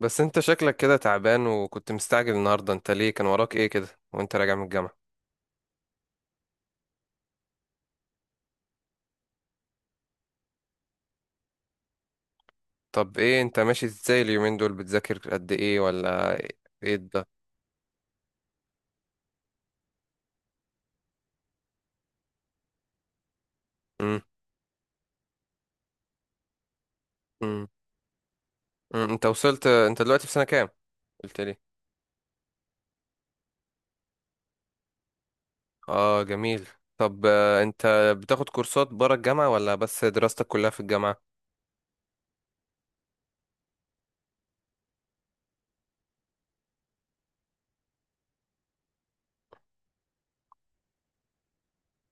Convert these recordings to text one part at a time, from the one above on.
بس انت شكلك كده تعبان، وكنت مستعجل النهارده. انت ليه كان وراك ايه كده وانت راجع من الجامعة؟ طب ايه، انت ماشي ازاي اليومين دول؟ بتذاكر قد ايه ولا ايه ده؟ مم. مم. انت وصلت، انت دلوقتي في سنة كام؟ قلت لي. اه، جميل. طب، انت بتاخد كورسات برا الجامعة ولا بس دراستك كلها في الجامعة؟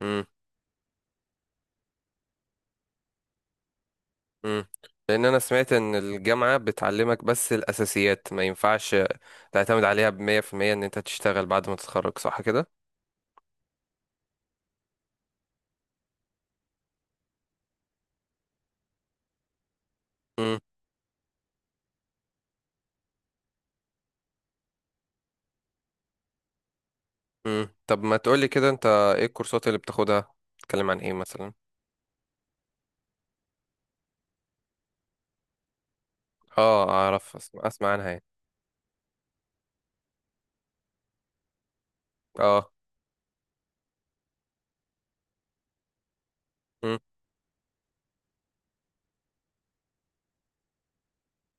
مم. مم. لان انا سمعت ان الجامعة بتعلمك بس الاساسيات، ما ينفعش تعتمد عليها بمية في المية ان انت تشتغل بعد ما تتخرج، صح كده؟ مم. طب، ما تقولي كده، انت ايه الكورسات اللي بتاخدها؟ بتتكلم عن ايه مثلا؟ اه اعرف، اسمع عنها يعني. اه. مم.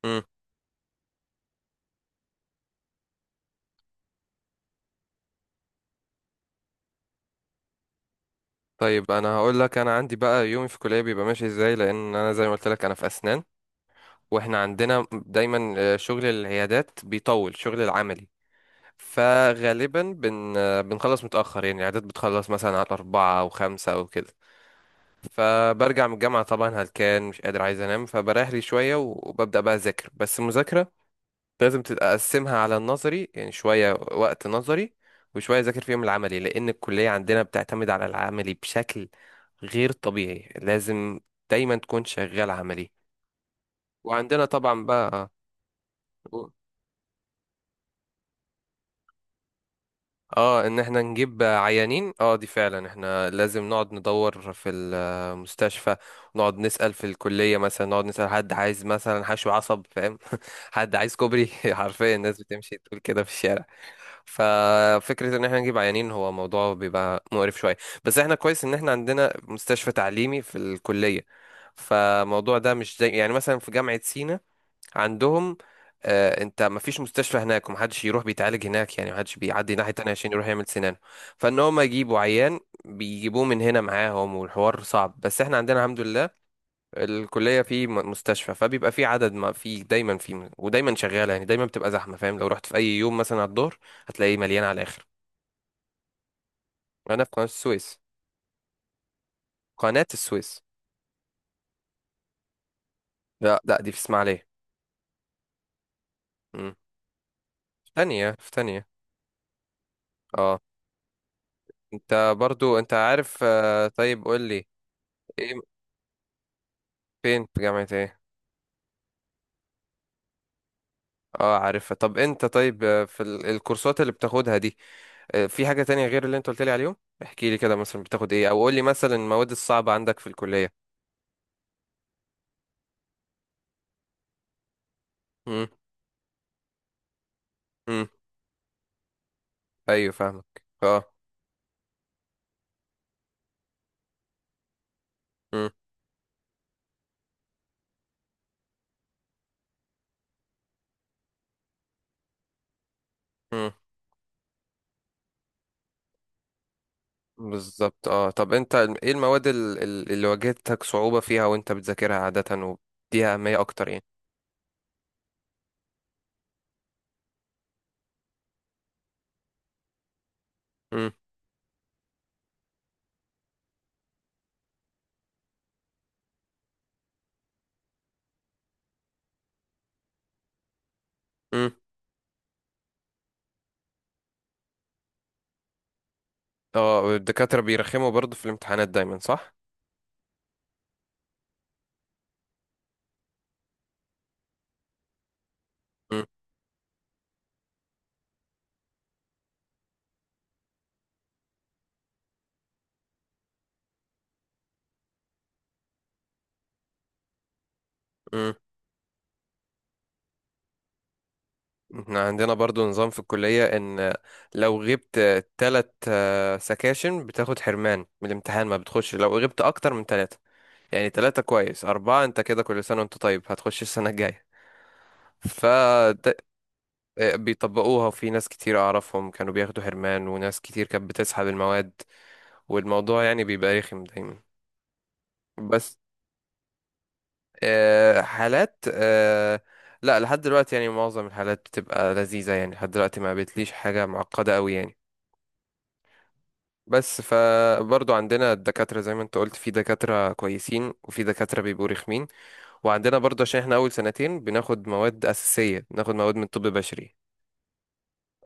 مم. طيب انا هقول لك، انا عندي بقى يومي في الكليه بيبقى ماشي ازاي، لان انا زي ما قلت لك، انا في اسنان. واحنا عندنا دايما شغل العيادات بيطول، شغل العملي. فغالبا بن آه، بنخلص متاخر، يعني العيادات بتخلص مثلا على 4 او 5 او كده. فبرجع من الجامعه طبعا هلكان، مش قادر، عايز انام، فبريح لي شويه وببدا بقى اذاكر. بس المذاكره لازم تبقى اقسمها على النظري، يعني شويه وقت نظري وشويه اذاكر فيهم العملي، لان الكليه عندنا بتعتمد على العملي بشكل غير طبيعي، لازم دايما تكون شغال عملي. وعندنا طبعا بقى، اه، ان احنا نجيب عيانين. اه، دي فعلا احنا لازم نقعد ندور في المستشفى، نقعد نسأل في الكلية مثلا، نقعد نسأل حد عايز مثلا حشو عصب، فاهم؟ حد عايز كوبري حرفيا الناس بتمشي تقول كده في الشارع. ففكرة ان احنا نجيب عيانين هو موضوع بيبقى مقرف شوية. بس احنا كويس ان احنا عندنا مستشفى تعليمي في الكلية، فالموضوع ده مش زي يعني مثلا في جامعة سينا عندهم. انت ما فيش مستشفى هناك، ومحدش يروح بيتعالج هناك يعني، محدش بيعدي ناحية تانية عشان يروح يعمل سنانه. فان هم يجيبوا عيان بيجيبوه من هنا معاهم، والحوار صعب. بس احنا عندنا الحمد لله الكلية في مستشفى، فبيبقى في عدد، ما في دايما في، ودايما شغالة يعني، دايما بتبقى زحمة، فاهم؟ لو رحت في أي يوم مثلا على الظهر هتلاقيه مليان على الآخر. أنا في قناة السويس. قناة السويس. لا، لا، دي في إسماعيلية. مم. في تانية. في تانية. اه. انت برضو انت عارف. طيب قول لي. ايه؟ فين؟ في جامعة ايه؟ اه، عارفها. طب انت، طيب، في الكورسات اللي بتاخدها دي، في حاجة تانية غير اللي انت قلت لي عليهم؟ احكي لي كده مثلا بتاخد ايه، او قول لي مثلا المواد الصعبة عندك في الكلية. مم. ايوه، فاهمك، اه. مم. مم. بالظبط، اه. طب، انت ايه المواد اللي واجهتك صعوبة فيها وانت بتذاكرها عادة وبديها أهمية اكتر يعني؟ مم. مم. اه، الدكاترة بيرخموا برضو في الامتحانات دايما، صح؟ مم. مم. احنا عندنا برضو نظام في الكلية ان لو غبت تلات سكاشن بتاخد حرمان من الامتحان، ما بتخش لو غبت اكتر من تلاتة. يعني تلاتة كويس، اربعة انت كده كل سنة وانت طيب، هتخش السنة الجاية. فده بيطبقوها، وفي ناس كتير أعرفهم كانوا بياخدوا حرمان، وناس كتير كانت بتسحب المواد، والموضوع يعني بيبقى رخم دايما. بس حالات لا، لحد دلوقتي يعني معظم الحالات بتبقى لذيذة، يعني لحد دلوقتي ما قابلتليش حاجة معقدة أوي يعني. بس فبرضو عندنا الدكاترة زي ما انت قلت، في دكاترة كويسين وفي دكاترة بيبقوا رخمين. وعندنا برضو عشان احنا أول سنتين بناخد مواد أساسية، بناخد مواد من طب بشري،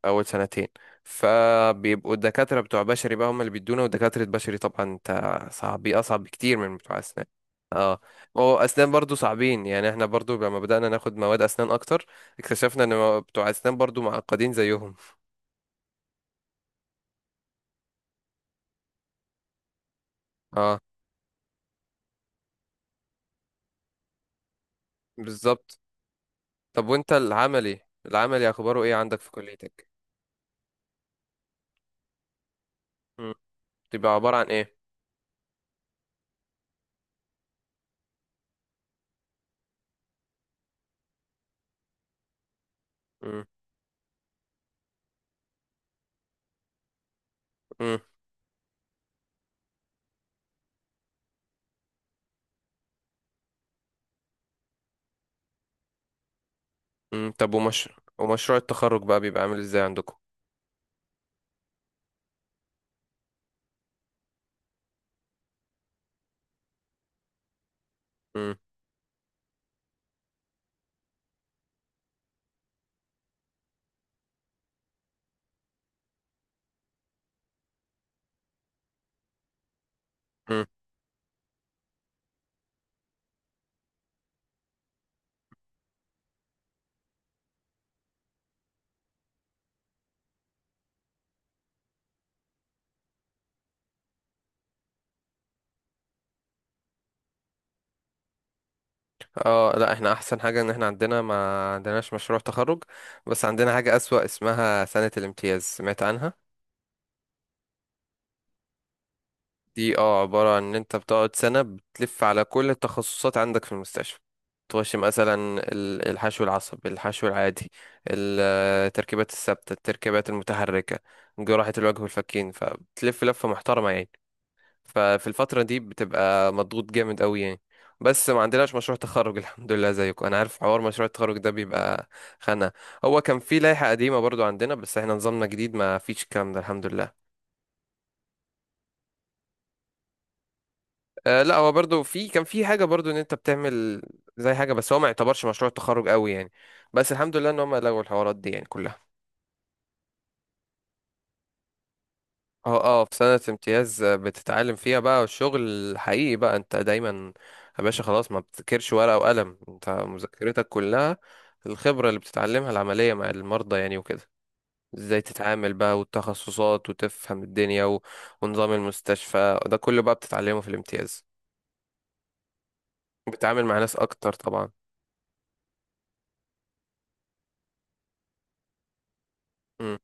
اول سنتين. فبيبقوا الدكاتره بتوع بشري بقى هم اللي بيدونا، ودكاتره بشري طبعا انت، صعب، اصعب بكتير من بتوع اسنان. اه. هو اسنان برضو صعبين يعني، احنا برضو لما بدأنا ناخد مواد اسنان اكتر اكتشفنا ان بتوع اسنان برضو معقدين زيهم. اه، بالظبط. طب وانت العملي اخباره ايه عندك في كليتك؟ مم. بيبقى عبارة عن ايه؟ مم. مم. مم. طب، ومشروع التخرج بقى بيبقى عامل ازاي عندكم؟ مم. اه، لا، احنا احسن حاجة ان احنا ما عندناش مشروع تخرج. بس عندنا حاجة اسوأ، اسمها سنة الامتياز، سمعت عنها؟ دي عبارة عن ان انت بتقعد سنة بتلف على كل التخصصات عندك في المستشفى، تخش مثلا الحشو العصبي، الحشو العادي، ال- التركيبات الثابتة، التركيبات المتحركة، جراحة الوجه والفكين، فبتلف لفة محترمة يعني. ففي الفترة دي بتبقى مضغوط جامد قوي يعني. بس ما عندناش مشروع تخرج الحمد لله. زيكم، انا عارف حوار مشروع التخرج ده بيبقى خانة. هو كان في لائحة قديمة برضو عندنا، بس احنا نظامنا جديد ما فيش الكلام ده الحمد لله. آه، لا، هو برضو كان في حاجة برضو ان انت بتعمل زي حاجة، بس هو ما يعتبرش مشروع تخرج قوي يعني. بس الحمد لله ان هم لغوا الحوارات دي يعني كلها. اه، اه، في سنة امتياز بتتعلم فيها بقى الشغل الحقيقي بقى، انت دايما، يا باشا خلاص، ما بتذاكرش ورقة وقلم، انت مذاكرتك كلها الخبرة اللي بتتعلمها العملية مع المرضى يعني وكده. ازاي تتعامل بقى، والتخصصات، وتفهم الدنيا و... ونظام المستشفى ده كله بقى بتتعلمه في الامتياز. بتتعامل مع ناس اكتر طبعا. مم.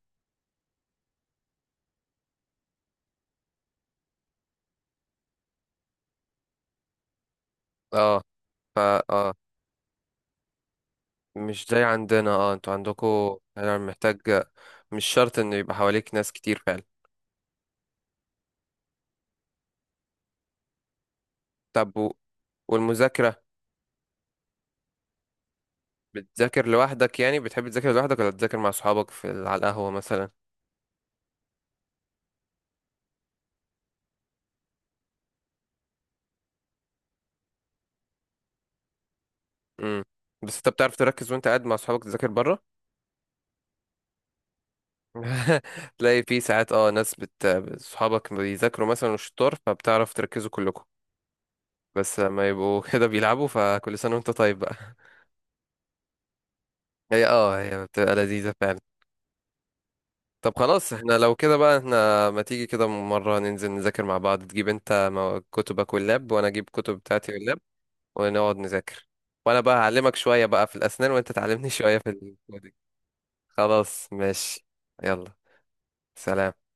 اه، فا، اه. مش زي عندنا، اه، انتوا عندكوا يعني محتاج. مش شرط انه يبقى حواليك ناس كتير فعلا. طب، والمذاكرة، بتذاكر لوحدك يعني؟ بتحب تذاكر لوحدك ولا تذاكر مع صحابك في على القهوة مثلا؟ امم بس انت بتعرف تركز وانت قاعد مع صحابك تذاكر بره؟ تلاقي في ساعات، اه، ناس صحابك بيذاكروا مثلا وشطار فبتعرف تركزوا كلكم. بس لما يبقوا كده بيلعبوا، فكل سنة وانت طيب بقى. هي بتبقى لذيذة فعلا. طب خلاص، احنا لو كده بقى، احنا ما تيجي كده مرة ننزل نذاكر مع بعض؟ تجيب انت كتبك واللاب، وانا اجيب كتب بتاعتي واللاب، ونقعد نذاكر، وانا بقى هعلمك شوية بقى في الاسنان، وانت تعلمني شوية في الكودينج. خلاص، ماشي. يلا، سلام.